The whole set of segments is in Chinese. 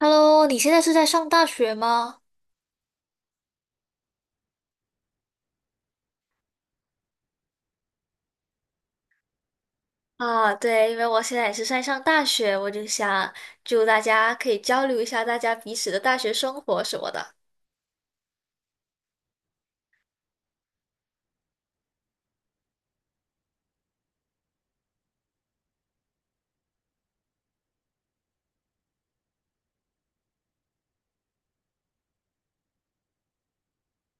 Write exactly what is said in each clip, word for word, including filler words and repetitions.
Hello，你现在是在上大学吗？啊，对，因为我现在也是在上大学，我就想祝大家可以交流一下大家彼此的大学生活什么的。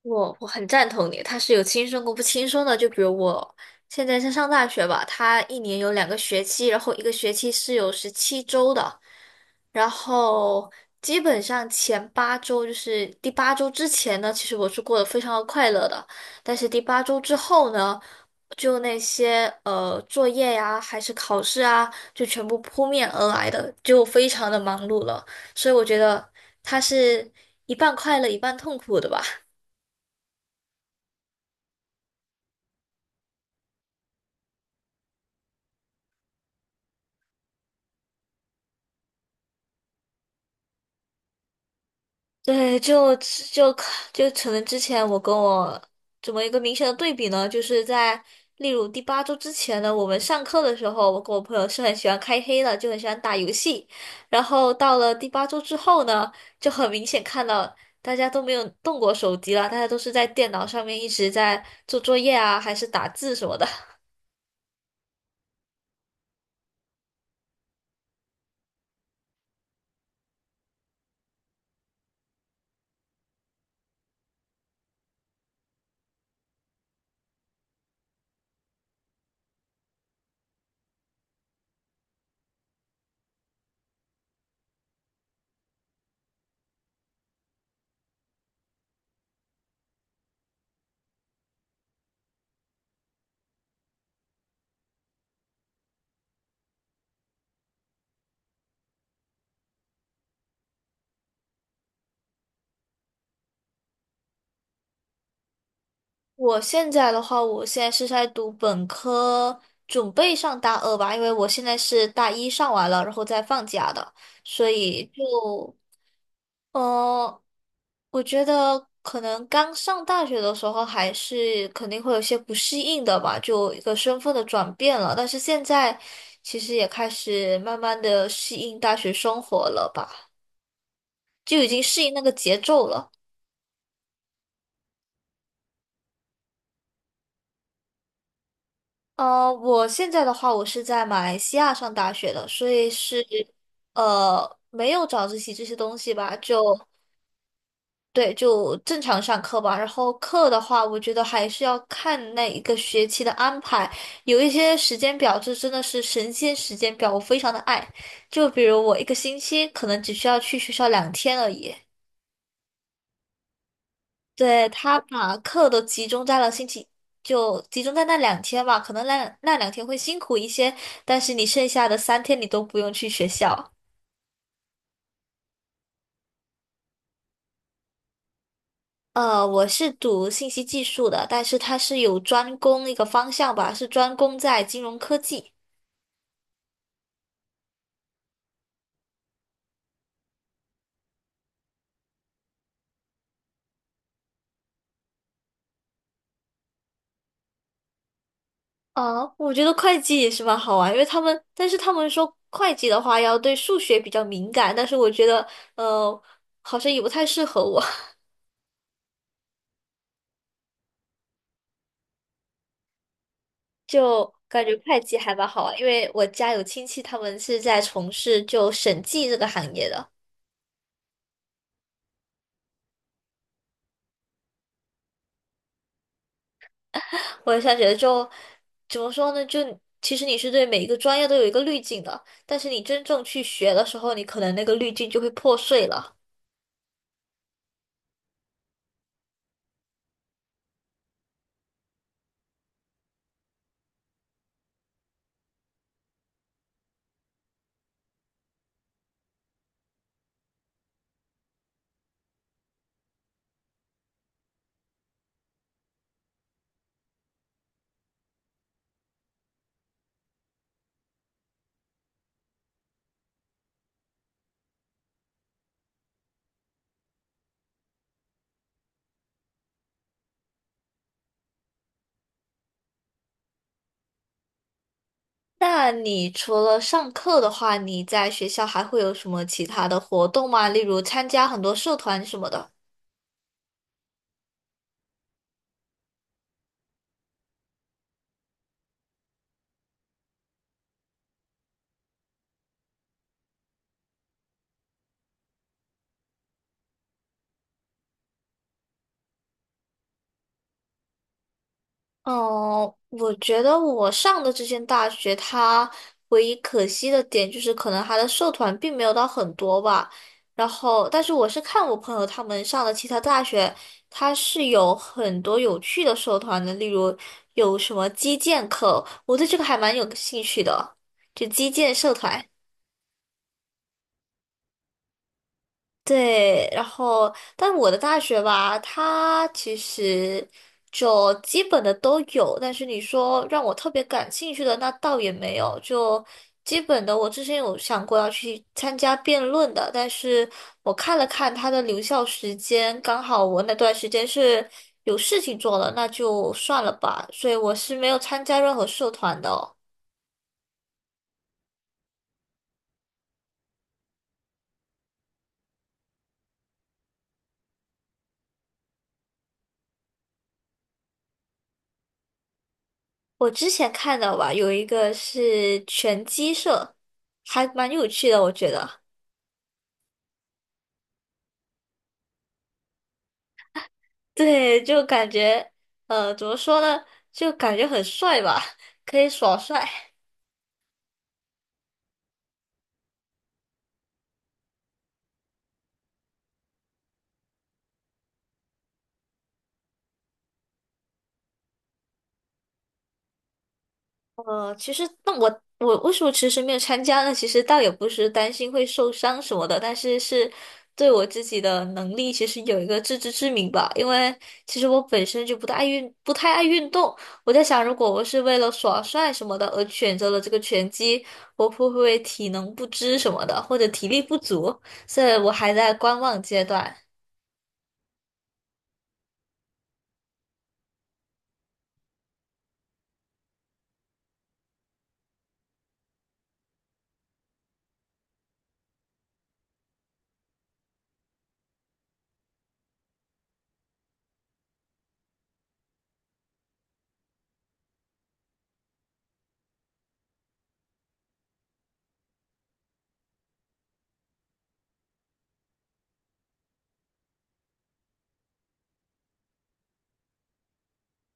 我我很赞同你，他是有轻松过不轻松的。就比如我现在在上大学吧，他一年有两个学期，然后一个学期是有十七周的，然后基本上前八周就是第八周之前呢，其实我是过得非常的快乐的，但是第八周之后呢？就那些呃作业呀，还是考试啊，就全部扑面而来的，就非常的忙碌了。所以我觉得它是一半快乐一半痛苦的吧。对，就就就可能之前我跟我怎么一个明显的对比呢？就是在例如第八周之前呢，我们上课的时候，我跟我朋友是很喜欢开黑的，就很喜欢打游戏。然后到了第八周之后呢，就很明显看到大家都没有动过手机了，大家都是在电脑上面一直在做作业啊，还是打字什么的。我现在的话，我现在是在读本科，准备上大二吧，因为我现在是大一上完了，然后再放假的，所以就，呃，我觉得可能刚上大学的时候还是肯定会有些不适应的吧，就一个身份的转变了，但是现在其实也开始慢慢的适应大学生活了吧，就已经适应那个节奏了。呃，我现在的话，我是在马来西亚上大学的，所以是呃没有早自习这些东西吧，就对，就正常上课吧。然后课的话，我觉得还是要看那一个学期的安排，有一些时间表，这真的是神仙时间表，我非常的爱。就比如我一个星期可能只需要去学校两天而已。对，他把课都集中在了星期，就集中在那两天吧。可能那那两天会辛苦一些，但是你剩下的三天你都不用去学校。呃，我是读信息技术的，但是它是有专攻一个方向吧，是专攻在金融科技。呃，我觉得会计也是蛮好玩，因为他们，但是他们说会计的话要对数学比较敏感，但是我觉得，呃，好像也不太适合我。就感觉会计还蛮好玩，因为我家有亲戚，他们是在从事就审计这个行业的。我想觉得就怎么说呢？就其实你是对每一个专业都有一个滤镜的，但是你真正去学的时候，你可能那个滤镜就会破碎了。那你除了上课的话，你在学校还会有什么其他的活动吗？例如参加很多社团什么的。哦，我觉得我上的这间大学，它唯一可惜的点就是，可能它的社团并没有到很多吧。然后，但是我是看我朋友他们上的其他大学，它是有很多有趣的社团的，例如有什么击剑课，我对这个还蛮有兴趣的，就击剑社团。对，然后但我的大学吧，它其实就基本的都有，但是你说让我特别感兴趣的，那倒也没有。就基本的，我之前有想过要去参加辩论的，但是我看了看它的留校时间，刚好我那段时间是有事情做了，那就算了吧，所以我是没有参加任何社团的哦我之前看到吧，有一个是拳击社，还蛮有趣的，我觉得。对，就感觉，呃，怎么说呢？就感觉很帅吧，可以耍帅。呃，其实那我我为什么迟迟没有参加呢？其实倒也不是担心会受伤什么的，但是是对我自己的能力其实有一个自知之明吧。因为其实我本身就不太爱运，不太爱运，动。我在想，如果我是为了耍帅什么的而选择了这个拳击，我会不会体能不支什么的，或者体力不足？所以我还在观望阶段。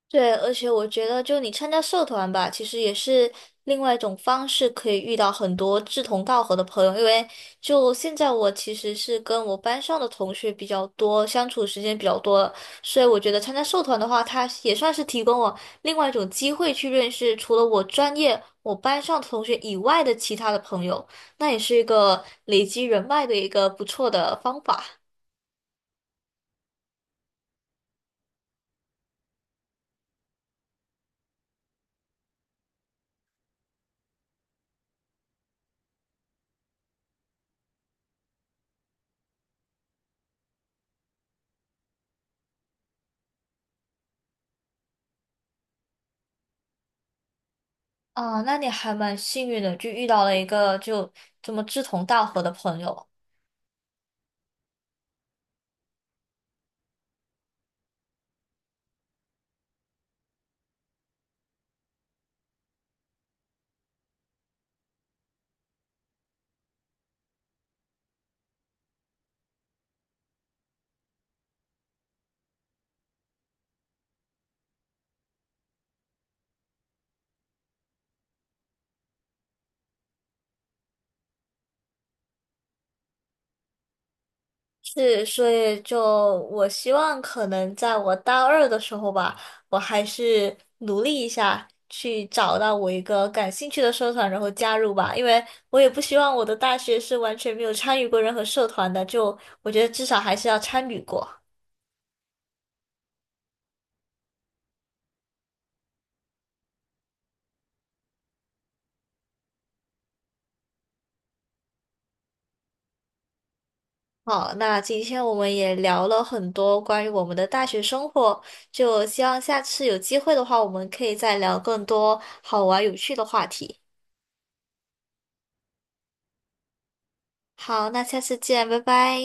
对，而且我觉得，就你参加社团吧，其实也是另外一种方式，可以遇到很多志同道合的朋友。因为就现在我其实是跟我班上的同学比较多，相处时间比较多了所以我觉得参加社团的话，它也算是提供我另外一种机会去认识除了我专业、我班上同学以外的其他的朋友，那也是一个累积人脉的一个不错的方法。啊，那你还蛮幸运的，就遇到了一个就这么志同道合的朋友。是，所以就我希望可能在我大二的时候吧，我还是努力一下，去找到我一个感兴趣的社团，然后加入吧。因为我也不希望我的大学是完全没有参与过任何社团的，就我觉得至少还是要参与过。好，那今天我们也聊了很多关于我们的大学生活，就希望下次有机会的话，我们可以再聊更多好玩有趣的话题。好，那下次见，拜拜。